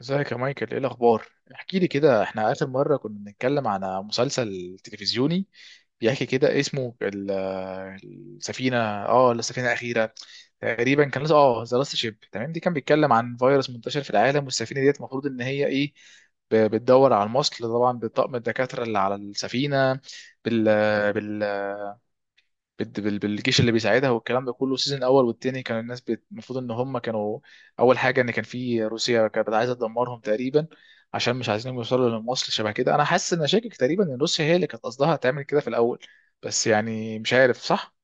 ازيك يا مايكل، ايه الاخبار؟ احكي لي كده. احنا اخر مره كنا بنتكلم على مسلسل تلفزيوني بيحكي كده اسمه السفينه. اه، السفينه الاخيره. تقريبا كان لسه ذا لاست شيب. تمام. دي كان بيتكلم عن فيروس منتشر في العالم، والسفينه ديت المفروض ان هي ايه، بتدور على المصل طبعا بطاقم الدكاتره اللي على السفينه. بال... بال... بالجيش اللي بيساعدها والكلام ده كله. السيزون الاول والتاني كان الناس المفروض ان هم كانوا، اول حاجه، ان كان في روسيا كانت عايزه تدمرهم تقريبا، عشان مش عايزينهم يوصلوا لمصر. شبه كده انا حاسس ان شاكك تقريبا ان روسيا هي اللي كانت قصدها تعمل كده في الاول، بس يعني مش عارف. صح،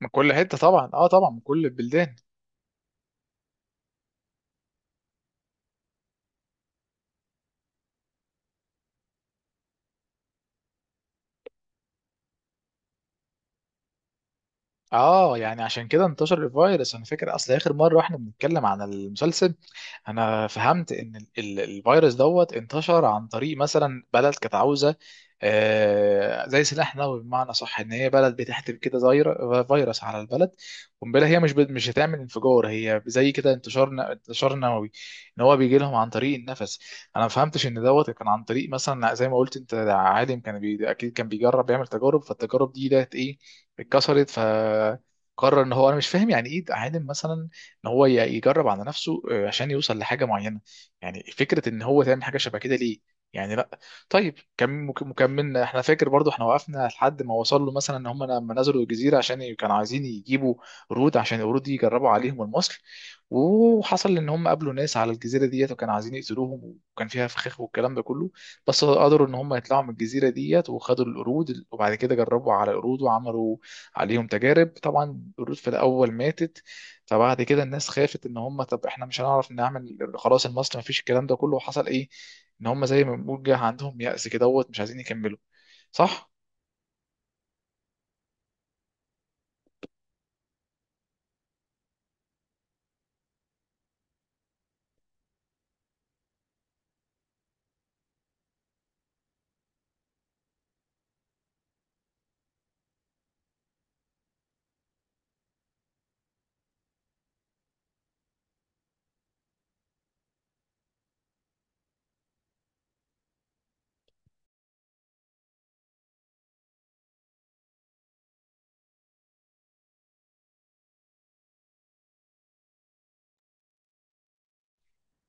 من كل حته طبعا، اه طبعا، من كل البلدان. اه، يعني عشان كده انتشر الفيروس. انا فاكر اصل اخر مره واحنا بنتكلم عن المسلسل انا فهمت ان الفيروس دوت انتشر عن طريق مثلا بلد كانت عاوزه، آه، زي سلاح نووي، بمعنى صح ان هي بلد بتحتف كده فيروس على البلد. قنبله، هي مش هتعمل انفجار، هي زي كده انتشار انتشار نووي. ان هو بيجي لهم عن طريق النفس. انا ما فهمتش ان دوت كان عن طريق مثلا، زي ما قلت انت، ده عالم كان اكيد كان بيجرب يعمل تجارب، فالتجارب دي ديت ايه، اتكسرت، فقرر ان هو، انا مش فاهم يعني ايه عالم مثلا ان هو يجرب على نفسه، عشان يوصل لحاجه معينه. يعني فكره ان هو تعمل حاجه شبه كده ليه؟ يعني لا. طيب، مكملنا احنا، فاكر برضو احنا وقفنا لحد ما وصل له مثلا ان هم لما نزلوا الجزيره عشان كانوا عايزين يجيبوا قرود، عشان القرود دي يجربوا عليهم المصل. وحصل ان هم قابلوا ناس على الجزيره ديت وكانوا عايزين يقتلوهم، وكان فيها فخاخ والكلام ده كله. بس قدروا ان هم يطلعوا من الجزيره ديت وخدوا القرود، وبعد كده جربوا على القرود وعملوا عليهم تجارب. طبعا القرود في الاول ماتت. فبعد كده الناس خافت ان هم طب احنا مش هنعرف نعمل خلاص المصل، ما فيش، الكلام ده كله. وحصل ايه؟ ان هم زي ما بنقول جه عندهم يأس كده دوت، مش عايزين يكملوا. صح؟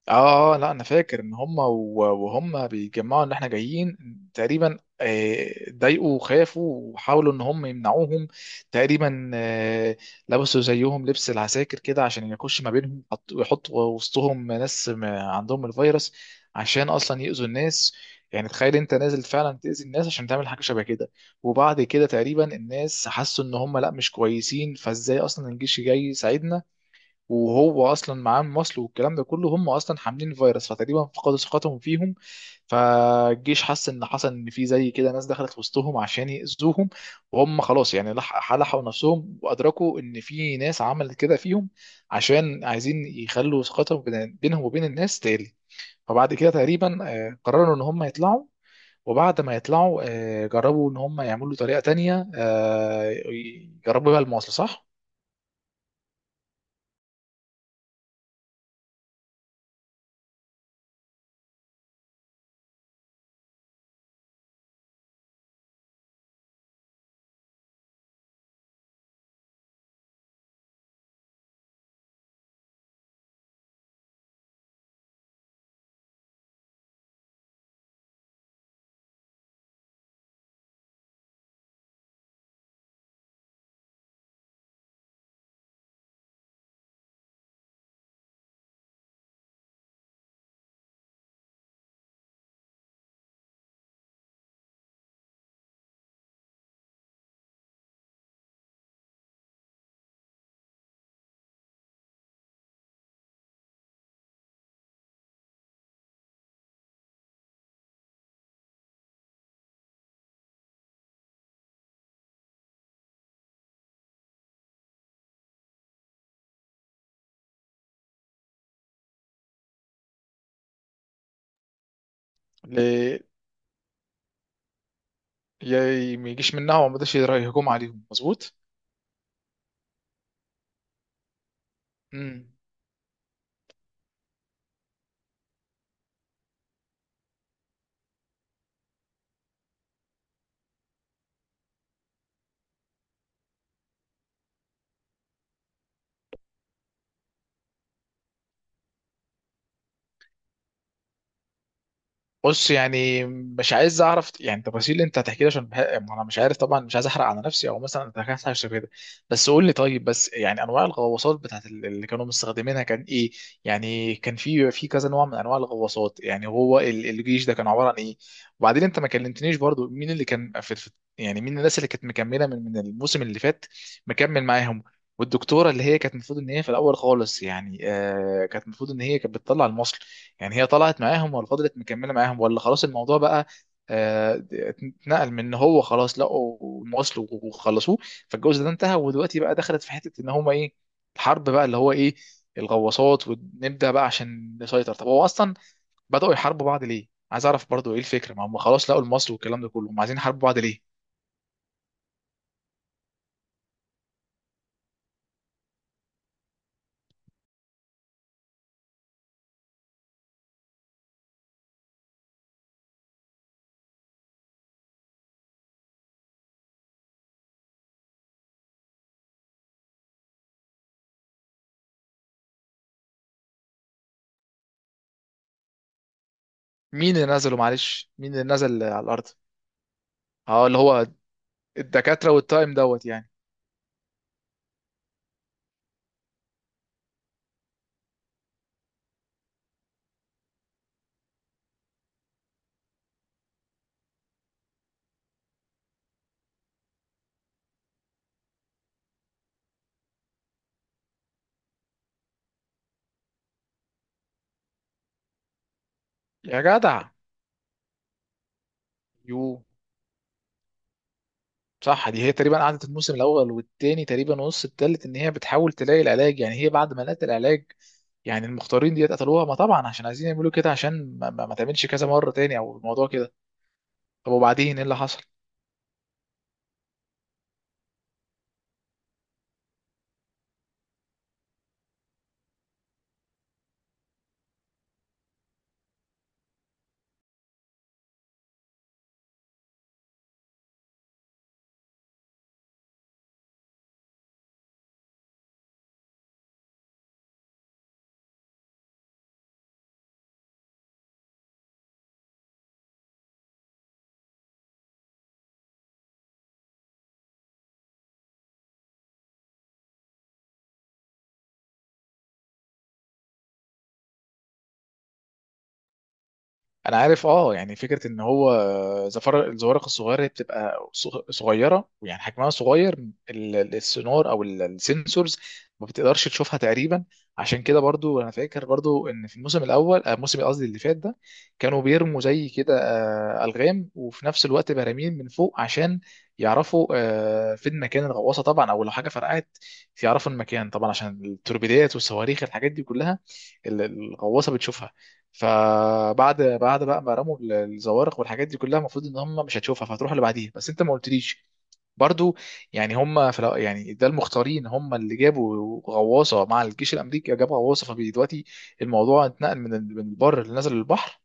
اه، اه، لا، انا فاكر ان هم وهم بيجمعوا ان احنا جايين تقريبا، اتضايقوا وخافوا وحاولوا ان هم يمنعوهم تقريبا. لبسوا زيهم لبس العساكر كده عشان يخش ما بينهم، ويحطوا وسطهم ناس ما عندهم الفيروس عشان اصلا يأذوا الناس. يعني تخيل انت نازل فعلا تأذي الناس عشان تعمل حاجة شبه كده. وبعد كده تقريبا الناس حسوا ان هم لا مش كويسين. فازاي اصلا الجيش جاي يساعدنا وهو اصلا معاه المصل والكلام ده كله، هم اصلا حاملين الفيروس، فتقريبا فقدوا ثقتهم فيهم. فالجيش حس ان حصل ان في زي كده ناس دخلت وسطهم عشان يأذوهم، وهم خلاص يعني لحقوا نفسهم وادركوا ان في ناس عملت كده فيهم عشان عايزين يخلوا ثقتهم بينهم وبين الناس تقل. فبعد كده تقريبا قرروا ان هم يطلعوا، وبعد ما يطلعوا جربوا ان هم يعملوا طريقة تانية، يجربوا بيها المواصل، صح؟ ما يجيش منها وما يقدرش يهجم عليهم. مظبوط. امم بص، يعني مش عايز اعرف يعني التفاصيل اللي انت هتحكي لي عشان ما انا مش عارف طبعا، مش عايز احرق على نفسي او مثلا انت حاجه شبه كده. بس قول لي، طيب، بس يعني انواع الغواصات بتاعت اللي كانوا مستخدمينها كان ايه؟ يعني كان في كذا نوع من انواع الغواصات. يعني هو الجيش ده كان عباره عن ايه؟ وبعدين انت ما كلمتنيش برضو مين اللي كان يعني مين الناس اللي كانت مكمله من الموسم اللي فات، مكمل معاهم؟ والدكتوره اللي هي كانت المفروض ان هي في الاول خالص يعني، كانت المفروض ان هي كانت بتطلع المصل، يعني هي طلعت معاهم ولا فضلت مكمله معاهم ولا خلاص الموضوع بقى اتنقل من ان هو خلاص لقوا مواصله وخلصوه، فالجزء ده انتهى ودلوقتي بقى دخلت في حته ان هما ايه، الحرب بقى اللي هو ايه، الغواصات، ونبدا بقى عشان نسيطر؟ طب هو اصلا بداوا يحاربوا بعض ليه؟ عايز اعرف برضو ايه الفكره، ما هم خلاص لقوا المصل والكلام ده كله، هم عايزين يحاربوا بعض ليه؟ مين اللي نزله معلش؟ مين اللي نزل على الارض؟ اه، اللي هو الدكاتره والتايم دوت يعني. يا جدع. يو. صح، دي هي تقريبا قعدت الموسم الاول والتاني تقريبا ونص التالت ان هي بتحاول تلاقي العلاج، يعني هي بعد ما لقت العلاج يعني المختارين ديت قتلوها. ما طبعا عشان عايزين يعملوا كده عشان ما تعملش كذا مره تاني او الموضوع كده. طب وبعدين ايه اللي حصل؟ انا عارف، اه، يعني فكره ان هو زفر الزوارق الصغيره هي بتبقى صغيره ويعني حجمها صغير. السونار او السنسورز ما بتقدرش تشوفها تقريبا. عشان كده برضو انا فاكر برضو ان في الموسم الاول الموسم قصدي اللي فات ده كانوا بيرموا زي كده الغام، وفي نفس الوقت براميل من فوق عشان يعرفوا فين مكان الغواصه طبعا، او لو حاجه فرقعت يعرفوا المكان طبعا عشان التوربيدات والصواريخ الحاجات دي كلها الغواصه بتشوفها. فبعد بقى ما رموا الزوارق والحاجات دي كلها المفروض ان هم مش هتشوفها فهتروح اللي بعديها. بس انت ما قلتليش برضو، يعني هم في يعني ده المختارين هم اللي جابوا غواصه مع الجيش الامريكي، جابوا غواصه، فدلوقتي الموضوع اتنقل من من البر اللي نزل للبحر.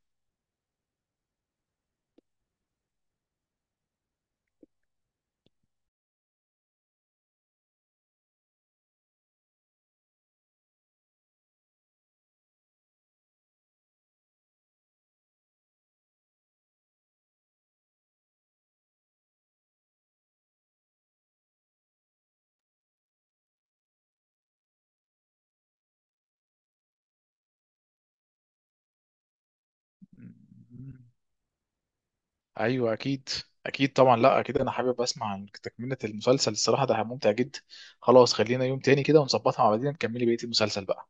ايوه، اكيد. اكيد طبعا، لا اكيد انا حابب اسمع عن تكمله المسلسل. الصراحه ده ممتع جدا. خلاص، خلينا يوم تاني كده ونظبطها مع بعضنا نكملي بقيه المسلسل بقى.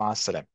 مع السلامه.